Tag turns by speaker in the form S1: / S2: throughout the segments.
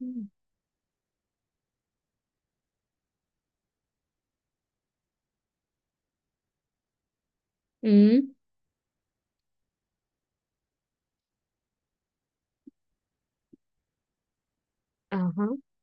S1: Ừ. Ừ. À, hả.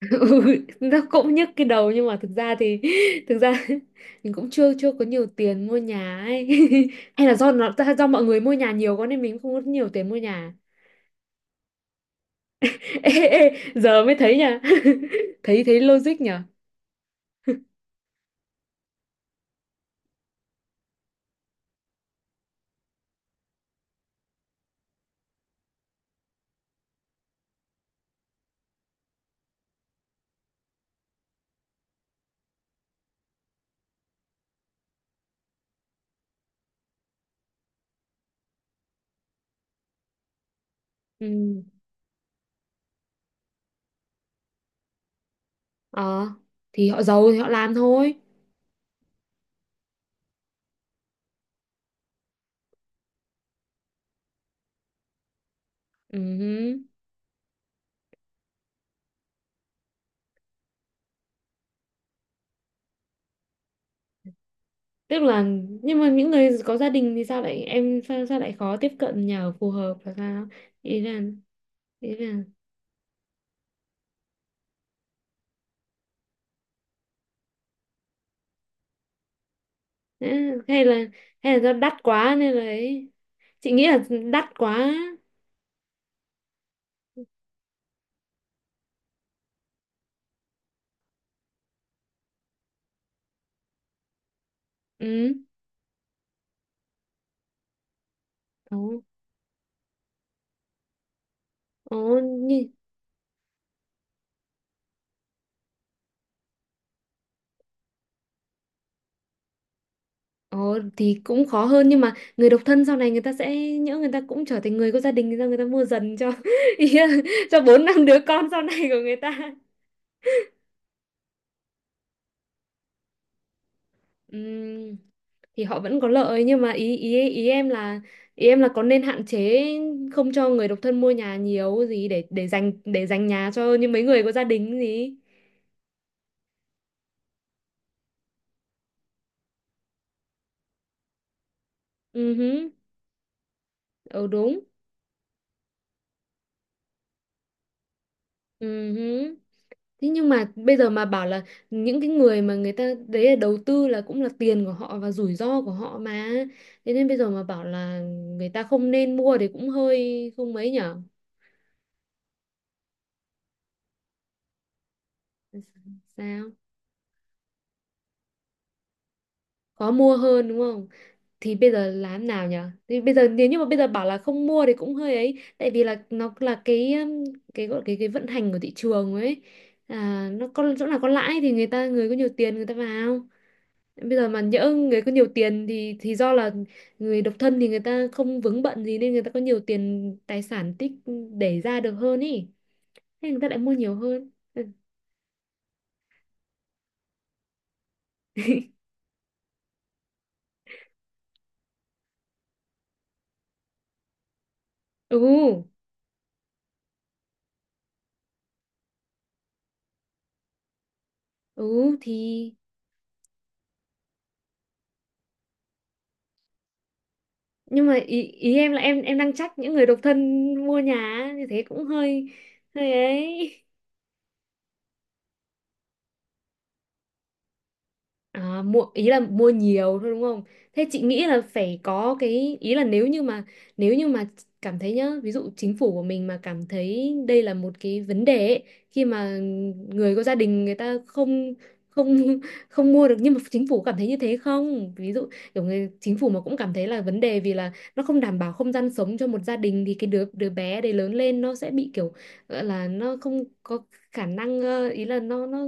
S1: Ừ, nó cũng nhức cái đầu nhưng mà thực ra thì thực ra mình cũng chưa chưa có nhiều tiền mua nhà ấy. Hay là do mọi người mua nhà nhiều quá nên mình không có nhiều tiền mua nhà. Ê, ê, giờ mới thấy nha. Thấy thấy logic nhở. Ừ. Ờ, thì họ giàu thì họ làm thôi. Ừ. Tức là, nhưng mà những người có gia đình thì sao lại khó tiếp cận nhà ở phù hợp là sao? Ý là, ý là đấy, hay là hay là do đắt quá nên là ấy, chị nghĩ là đắt quá. Ừ. Ồ, ồ nhưng thì cũng khó hơn, nhưng mà người độc thân sau này người ta sẽ nhỡ, người ta cũng trở thành người có gia đình, người ta mua dần cho ý là cho bốn năm đứa con sau này của người ta. Ừm, thì họ vẫn có lợi nhưng mà ý ý ý em là có nên hạn chế không cho người độc thân mua nhà nhiều gì để dành nhà cho những mấy người có gia đình gì. Ừ hứ, ừ đúng. Ừ hứ. Thế nhưng mà bây giờ mà bảo là những cái người mà người ta đấy là đầu tư là cũng là tiền của họ và rủi ro của họ mà. Thế nên bây giờ mà bảo là người ta không nên mua thì cũng hơi không mấy nhở. Sao? Khó mua hơn đúng không? Thì bây giờ làm nào nhở? Thì bây giờ nếu như mà bây giờ bảo là không mua thì cũng hơi ấy, tại vì là nó là cái, cái gọi cái vận hành của thị trường ấy. À, nó có chỗ nào có lãi thì người có nhiều tiền người ta vào. Bây giờ mà nhỡ người có nhiều tiền thì do là người độc thân thì người ta không vướng bận gì nên người ta có nhiều tiền, tài sản tích để ra được hơn ý. Thế người ta lại mua nhiều hơn. Ừ, ừ thì, nhưng mà ý em là em đang trách những người độc thân mua nhà á, như thế cũng hơi hơi ấy. À, mua ý là mua nhiều thôi đúng không? Thế chị nghĩ là phải có cái ý là, nếu như mà cảm thấy nhá, ví dụ chính phủ của mình mà cảm thấy đây là một cái vấn đề ấy, khi mà người có gia đình người ta không không không mua được, nhưng mà chính phủ cảm thấy như thế không? Ví dụ kiểu người chính phủ mà cũng cảm thấy là vấn đề vì là nó không đảm bảo không gian sống cho một gia đình thì cái đứa đứa bé đấy lớn lên nó sẽ bị kiểu gọi là nó không có khả năng, ý là nó nó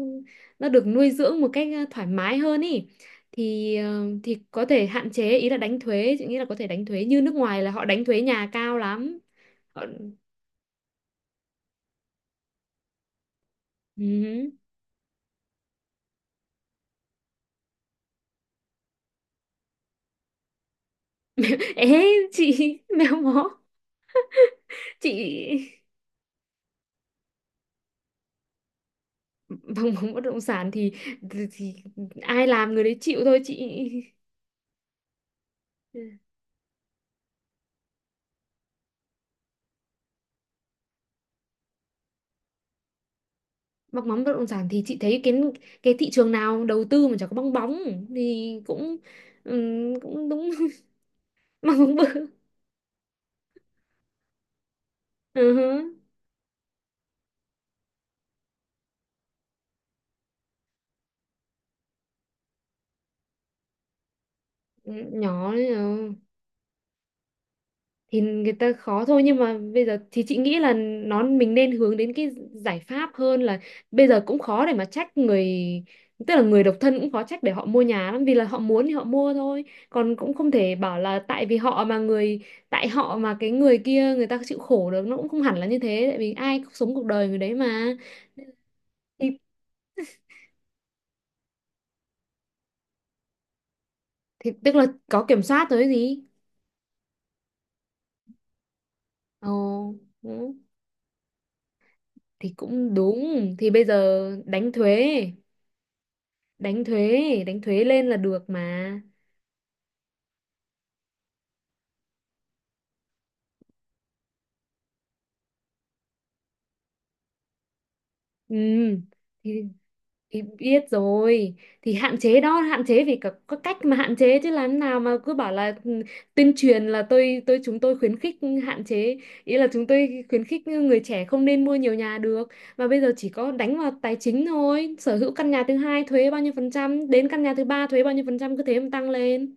S1: nó được nuôi dưỡng một cách, thoải mái hơn ý, thì thì có thể hạn chế, ý là đánh thuế. Chị nghĩ là có thể đánh thuế như nước ngoài, là họ đánh thuế nhà cao lắm, họ... Ừ. Ế chị mèo mó chị bằng móng bất động sản thì, thì ai làm người đấy chịu thôi chị. Ừ. Bong bóng bất động sản thì chị thấy cái thị trường nào đầu tư mà chẳng có bong bóng, thì cũng cũng đúng. Bong bóng bự. Ừ hứ. Ừ, nhỏ đấy nhờ. Thì người ta khó thôi nhưng mà bây giờ thì chị nghĩ là mình nên hướng đến cái giải pháp hơn là bây giờ cũng khó để mà trách người, tức là người độc thân cũng khó trách để họ mua nhà lắm vì là họ muốn thì họ mua thôi. Còn cũng không thể bảo là tại họ mà cái người kia người ta chịu khổ được, nó cũng không hẳn là như thế tại vì ai cũng sống cuộc đời người đấy mà. Thì, thì tức là có kiểm soát rồi gì. Ồ, ừ, thì cũng đúng. Thì bây giờ đánh thuế. Đánh thuế, đánh thuế lên là được mà. Ừ thì, thì, biết rồi, thì hạn chế đó, hạn chế vì có cách mà hạn chế chứ làm thế nào mà cứ bảo là ừ, tuyên truyền là tôi chúng tôi khuyến khích hạn chế, ý là chúng tôi khuyến khích người trẻ không nên mua nhiều nhà được. Mà bây giờ chỉ có đánh vào tài chính thôi, sở hữu căn nhà thứ hai thuế bao nhiêu phần trăm, đến căn nhà thứ ba thuế bao nhiêu phần trăm, cứ thế mà tăng lên.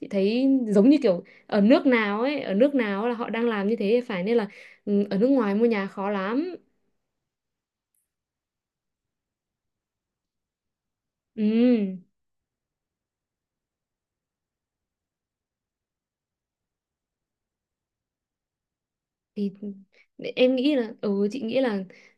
S1: Chị thấy giống như kiểu ở nước nào ấy, ở nước nào là họ đang làm như thế, phải nên là ừ, ở nước ngoài mua nhà khó lắm. Ừ thì em nghĩ là, ừ chị nghĩ là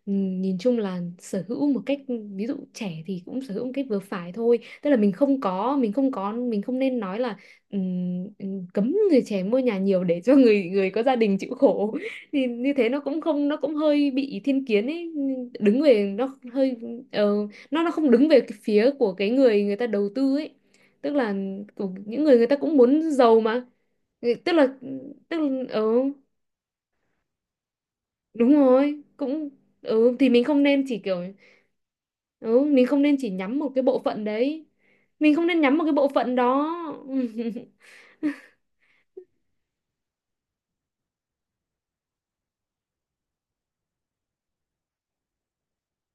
S1: ừ, nhìn chung là sở hữu một cách, ví dụ trẻ thì cũng sở hữu một cách vừa phải thôi, tức là mình không nên nói là, cấm người trẻ mua nhà nhiều để cho người người có gia đình chịu khổ thì như thế nó cũng không, nó cũng hơi bị thiên kiến ấy, đứng về nó hơi ờ, nó không đứng về cái phía của cái người người ta đầu tư ấy, tức là của những người người ta cũng muốn giàu mà. Ừ, tức là ừ đúng rồi, cũng ừ thì mình không nên chỉ kiểu, ừ mình không nên chỉ nhắm một cái bộ phận đấy, mình không nên nhắm một cái bộ phận đó.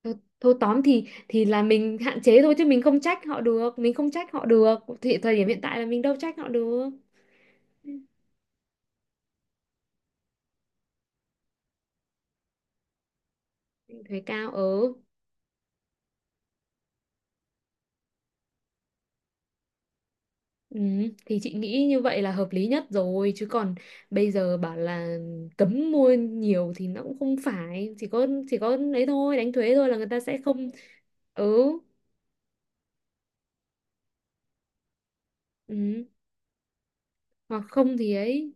S1: Thôi, thôi tóm thì là mình hạn chế thôi chứ mình không trách họ được, mình không trách họ được thì thời điểm hiện tại là mình đâu trách họ được. Thuế cao ở, ừ, thì chị nghĩ như vậy là hợp lý nhất rồi chứ còn bây giờ bảo là cấm mua nhiều thì nó cũng không phải. Chỉ có ấy thôi, đánh thuế thôi là người ta sẽ không. Ừ. Ừ. Hoặc không thì ấy,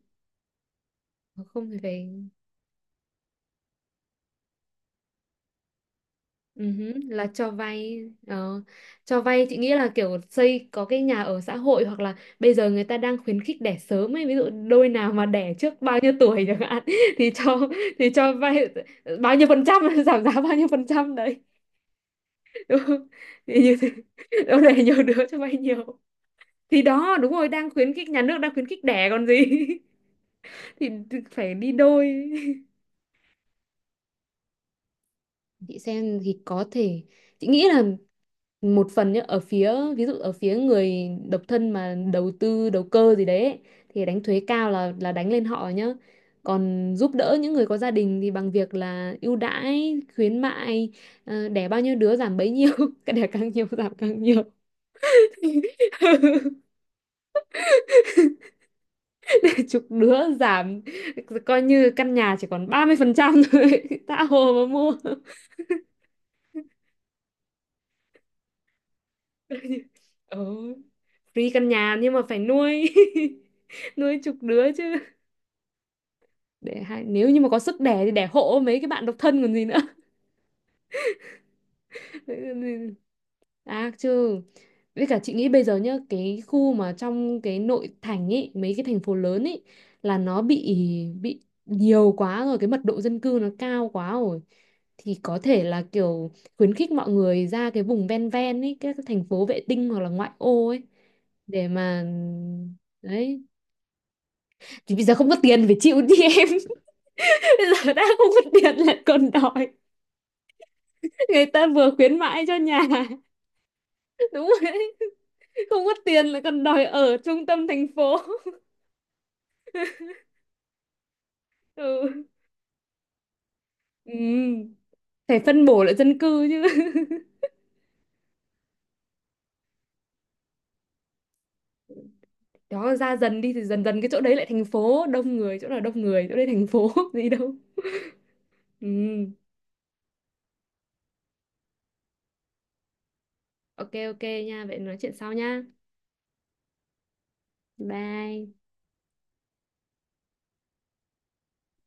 S1: hoặc không thì phải, ừ, hứ, là cho vay. Ờ. Cho vay chị nghĩ là kiểu xây có cái nhà ở xã hội, hoặc là bây giờ người ta đang khuyến khích đẻ sớm ấy, ví dụ đôi nào mà đẻ trước bao nhiêu tuổi chẳng hạn thì cho, thì cho vay bao nhiêu phần trăm giảm giá bao nhiêu phần trăm đấy, đúng không? Thì như thế đâu, đẻ nhiều đứa cho vay nhiều, thì đó đúng rồi, đang khuyến khích, nhà nước đang khuyến khích đẻ còn gì thì phải đi đôi. Chị xem thì có thể, chị nghĩ là một phần nhá, ở phía ví dụ ở phía người độc thân mà đầu tư, đầu cơ gì đấy ấy, thì đánh thuế cao là đánh lên họ nhá. Còn giúp đỡ những người có gia đình thì bằng việc là ưu đãi khuyến mại, ờ, đẻ bao nhiêu đứa giảm bấy nhiêu cái đẻ càng nhiều giảm càng nhiều. Chục đứa giảm, coi như căn nhà chỉ còn 30% thôi tha hồ mà mua. Ừ. Free căn nhà nhưng mà phải nuôi, nuôi chục đứa chứ. Để hai Nếu như mà có sức đẻ thì đẻ hộ mấy cái bạn độc thân còn gì nữa. À chứ, với cả chị nghĩ bây giờ nhá, cái khu mà trong cái nội thành ấy, mấy cái thành phố lớn ấy là nó bị, nhiều quá rồi, cái mật độ dân cư nó cao quá rồi, thì có thể là kiểu khuyến khích mọi người ra cái vùng ven, ven ấy, các cái thành phố vệ tinh hoặc là ngoại ô ấy, để mà đấy. Thì bây giờ không có tiền phải chịu đi em. Bây giờ đã không có tiền lại còn đòi người ta vừa khuyến mãi cho nhà. Đúng rồi đấy, không có tiền lại còn đòi ở trung tâm thành phố. Ừ. Ừ. Phải phân bổ lại dân cư chứ. Đó, ra dần đi thì dần dần cái chỗ đấy lại thành phố đông người, chỗ nào đông người chỗ đấy thành phố gì đâu. Ừ. OK, OK nha, vậy nói chuyện sau nha. Bye.